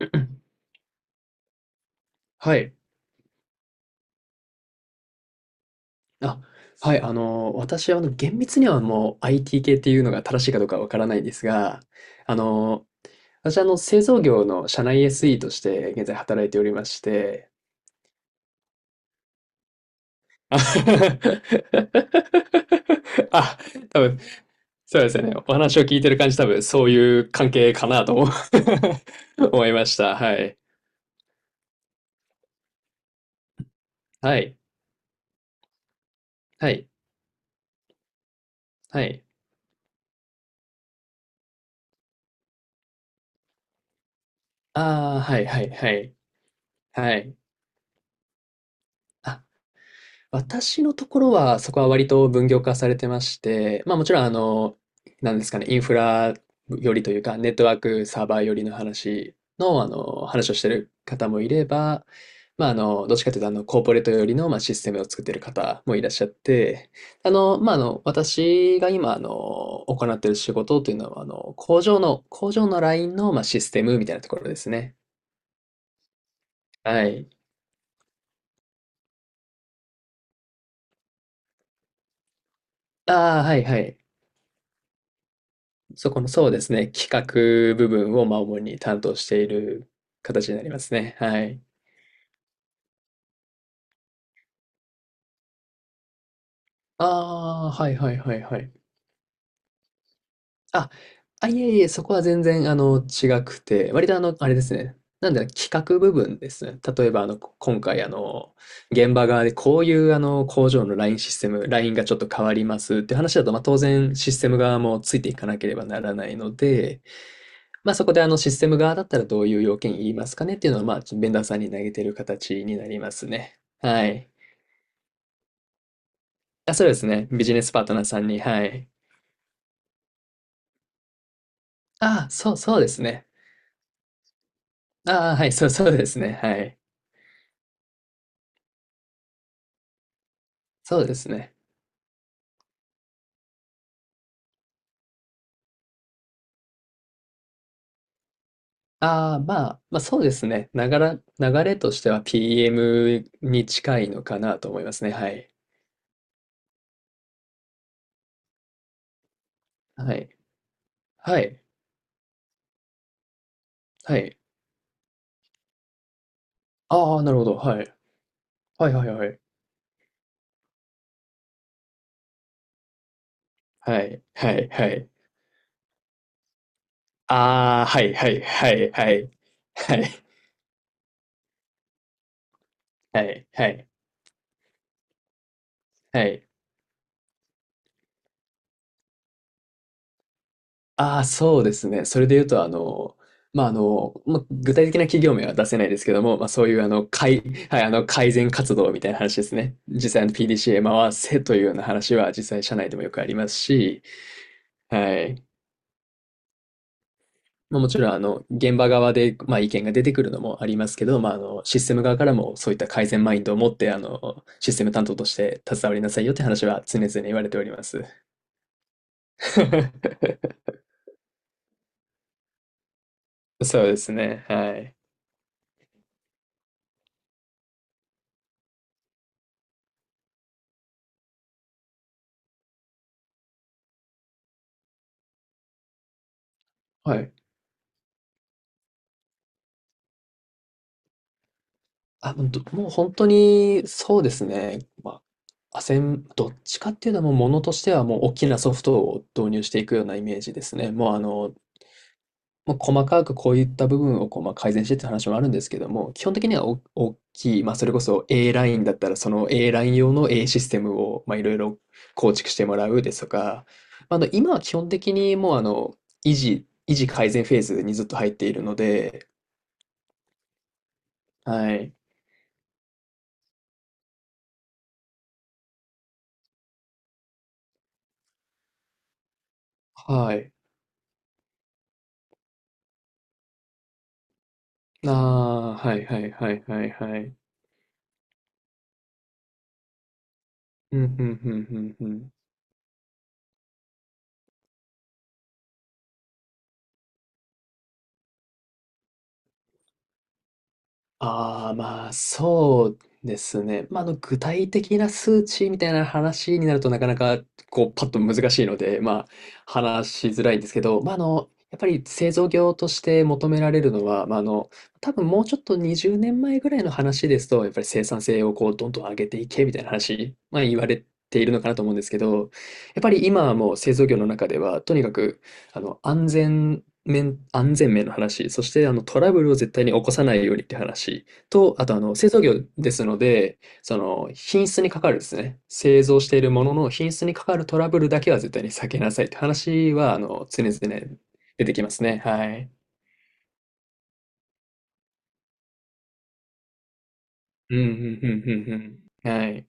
うんはい。あ、はい。あの、私は、あの、厳密にはもう IT 系っていうのが正しいかどうかわからないんですが、あの、私は、あの、製造業の社内 SE として現在働いておりまして、あ、あ多分、そうですよね。お話を聞いてる感じ、多分、そういう関係かなと思 思いました。はい。はい。はい。はい。ああ、はい、はい、はい。はい。私のところは、そこは割と分業化されてまして、まあもちろん、あの、なんですかね、インフラよりというか、ネットワークサーバーよりの話の、あの、話をしてる方もいれば、まあ、あの、どっちかというと、あの、コーポレートよりの、まあ、システムを作ってる方もいらっしゃって、あの、まあ、あの、私が今、あの、行ってる仕事というのは、あの、工場の、工場のラインの、まあ、システムみたいなところですね。はい。ああ、はい、はい。そこの、そうですね、企画部分を、まあ、主に担当している形になりますね。はい。ああ、はいはいはいはい。あ、あ、いえいえ、そこは全然あの、違くて、割とあの、あれですね、なんだろう、企画部分ですね。例えばあの、今回あの、現場側でこういうあの、工場のラインシステム、ラインがちょっと変わりますっていう話だと、まあ、当然システム側もついていかなければならないので、まあ、そこであのシステム側だったらどういう要件言いますかねっていうのは、まあ、ちょっとベンダーさんに投げてる形になりますね。はい。あ、そうですね。ビジネスパートナーさんに、はい。ああ、そうそうですね。ああ、はい、そうそうですね。はい。そうですね。ああ、まあ、まあそうですね。ながら、流れとしては PM に近いのかなと思いますね。はい。はい。はい。はい。ああ、なるほど。はい。はいはいはい。はい。はいはい。ああ、はいはいはいはい。はい。はいはいはい。はい。ああ、そうですね。それで言うと、あの、まあ、あの、まあ、具体的な企業名は出せないですけども、まあ、そういうあの、はい、あの、改善活動みたいな話ですね。実際あの PDCA へ回せというような話は実際社内でもよくありますし、はい。まあ、もちろんあの、現場側で、まあ、意見が出てくるのもありますけど、まあ、あの、システム側からもそういった改善マインドを持って、あの、システム担当として携わりなさいよって話は常々言われております。そうですね、はい。はい。あ、もう本当に、そうですね。ま、あアセンどっちかっていうのは、もうものとしてはもう大きなソフトを導入していくようなイメージですね。もうあの、もう細かくこういった部分をこう、ま、改善してって話もあるんですけども、基本的にはお大きい、まあ、それこそ A ラインだったら、その A ライン用の A システムを、ま、いろいろ構築してもらうですとか、まあ、あの、今は基本的にもうあの、維持改善フェーズにずっと入っているのではい。はい。ああー、はいはいはいはいはい。うん、うん、うん、うん、うん。ああ、まあ、そうですね。まあ、あの、具体的な数値みたいな話になるとなかなか、こう、パッと難しいので、まあ、話しづらいんですけど、まあ、あの、やっぱり製造業として求められるのは、まあ、あの、多分もうちょっと20年前ぐらいの話ですと、やっぱり生産性をこう、どんどん上げていけみたいな話、まあ、言われているのかなと思うんですけど、やっぱり今はもう製造業の中では、とにかく、あの、安全面、安全面の話、そしてあのトラブルを絶対に起こさないようにって話と、あとあの製造業ですので、その品質にかかるですね、製造しているものの品質にかかるトラブルだけは絶対に避けなさいって話はあの常々出てきますね。はい。うん、うんうんうんうん。はい。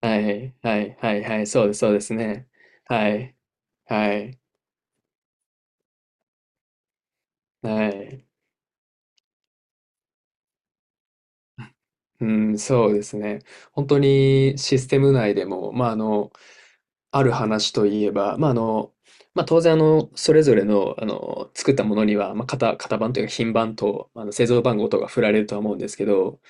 はいはいはいはいはい、そうですそうですね。はい。はい。はい。うん、そうですね。本当にシステム内でも、まあ、あの、ある話といえば、まあ、あの、まあ、当然、あの、それぞれの、あの、作ったものには、まあ、型、型番というか、品番と、まあの、製造番号とか振られるとは思うんですけど、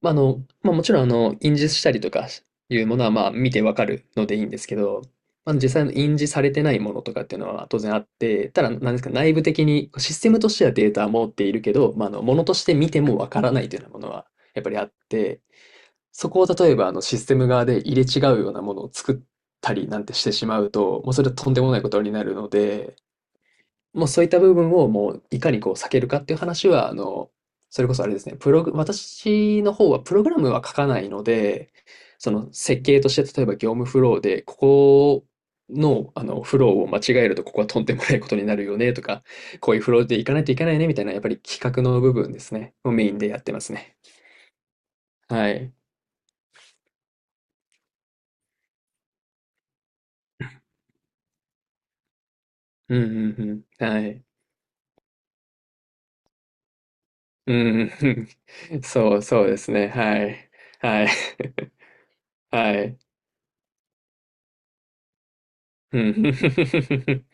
まあ、あの、まあ、もちろん、あの、印字したりとかいうものは、まあ、見てわかるのでいいんですけど、まあ、実際の印字されてないものとかっていうのは当然あって、ただ、なんですか、内部的にシステムとしてはデータは持っているけど、まあ、あの、ものとして見てもわからないというようなものは、やっぱりあって、そこを例えばあのシステム側で入れ違うようなものを作ったりなんてしてしまうと、もうそれはとんでもないことになるので、もうそういった部分をもういかにこう避けるかっていう話は、あの、それこそあれですね、プログ私の方はプログラムは書かないので、その設計として例えば業務フローで、ここの、あのフローを間違えるとここはとんでもないことになるよねとか、こういうフローでいかないといけないねみたいなやっぱり企画の部分ですね、をメインでやってますね。はい。うんうんうん。はい。うん。そう、そうですね。はい。はい。はい。うん。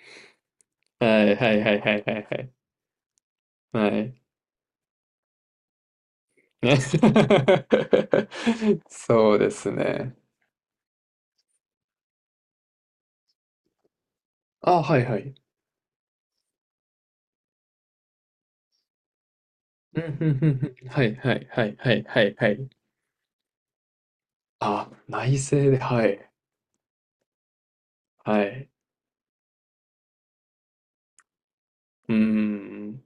はいはいはいはいはいはい。はい。ね。そうですね。あ、はいはい。うん、うんうんうん。はいはいはいはいはいはい。あ、内政で、はい。はい。うーん。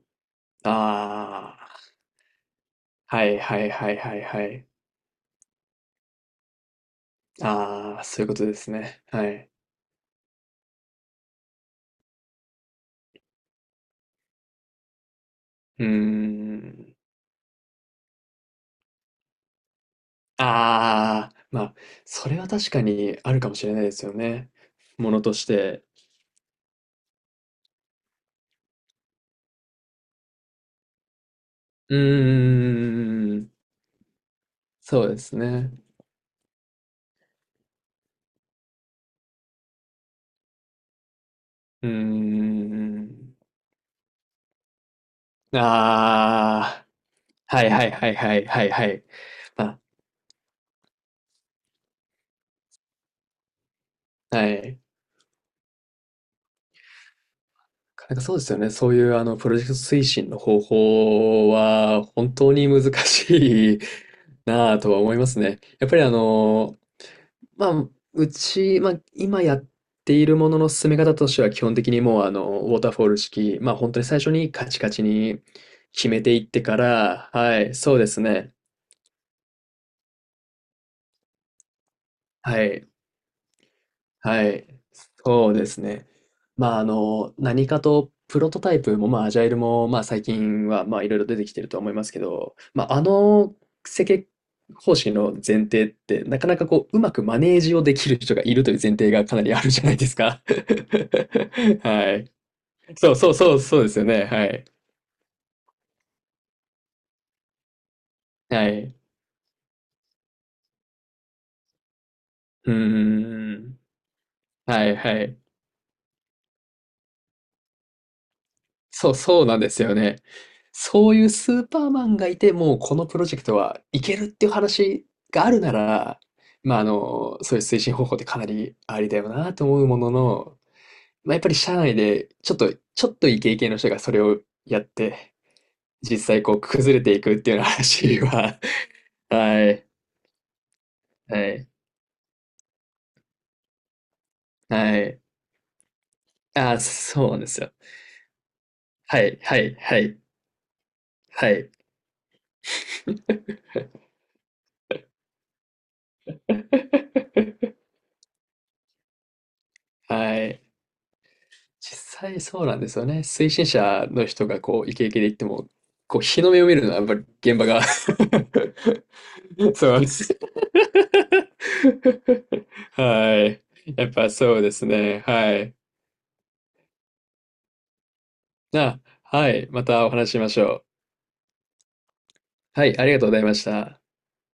ああ。はいはいはいはいはい。ああ、そういうことですね。はい。うーん。ああ、まあ、それは確かにあるかもしれないですよね。ものとして。うーん、そうですね。うーん。ああ、はいはいはいはいはいはい。まあ、はい。なんかそうですよね。そういうあのプロジェクト推進の方法は本当に難しい なあとは思いますね。やっぱりあの、まあ、うち、まあ、今やっているものの進め方としては、基本的にもう、あの、ウォーターフォール式、まあ、本当に最初にカチカチに決めていってから、はい、そうですね。はい。はい。そうですね。まあ、あの、何かとプロトタイプも、まあ、アジャイルも、まあ、最近は、まあ、いろいろ出てきてるとは思いますけど、まあ、あの設計方針の前提って、なかなかこう、うまくマネージをできる人がいるという前提がかなりあるじゃないですか。はい。そうそうそう、そうですよね。はい。はい。うーん。はいはい。そう、そうなんですよね。そういうスーパーマンがいて、もうこのプロジェクトはいけるっていう話があるなら、まあ、あの、そういう推進方法ってかなりありだよなと思うものの、まあ、やっぱり社内でちょっと、ちょっとイケイケの人がそれをやって、実際こう崩れていくっていうような話は、はい、はい、はい。ああ、そうなんですよ。はい、はい、はい、はい。はい。実際そうなんですよね。推進者の人がこうイケイケで言っても、こう日の目を見るのはやっぱり現場が そうなんです。はい。やっぱそうですね。はい。あ、はい。またお話ししましょう。はい。ありがとうございました。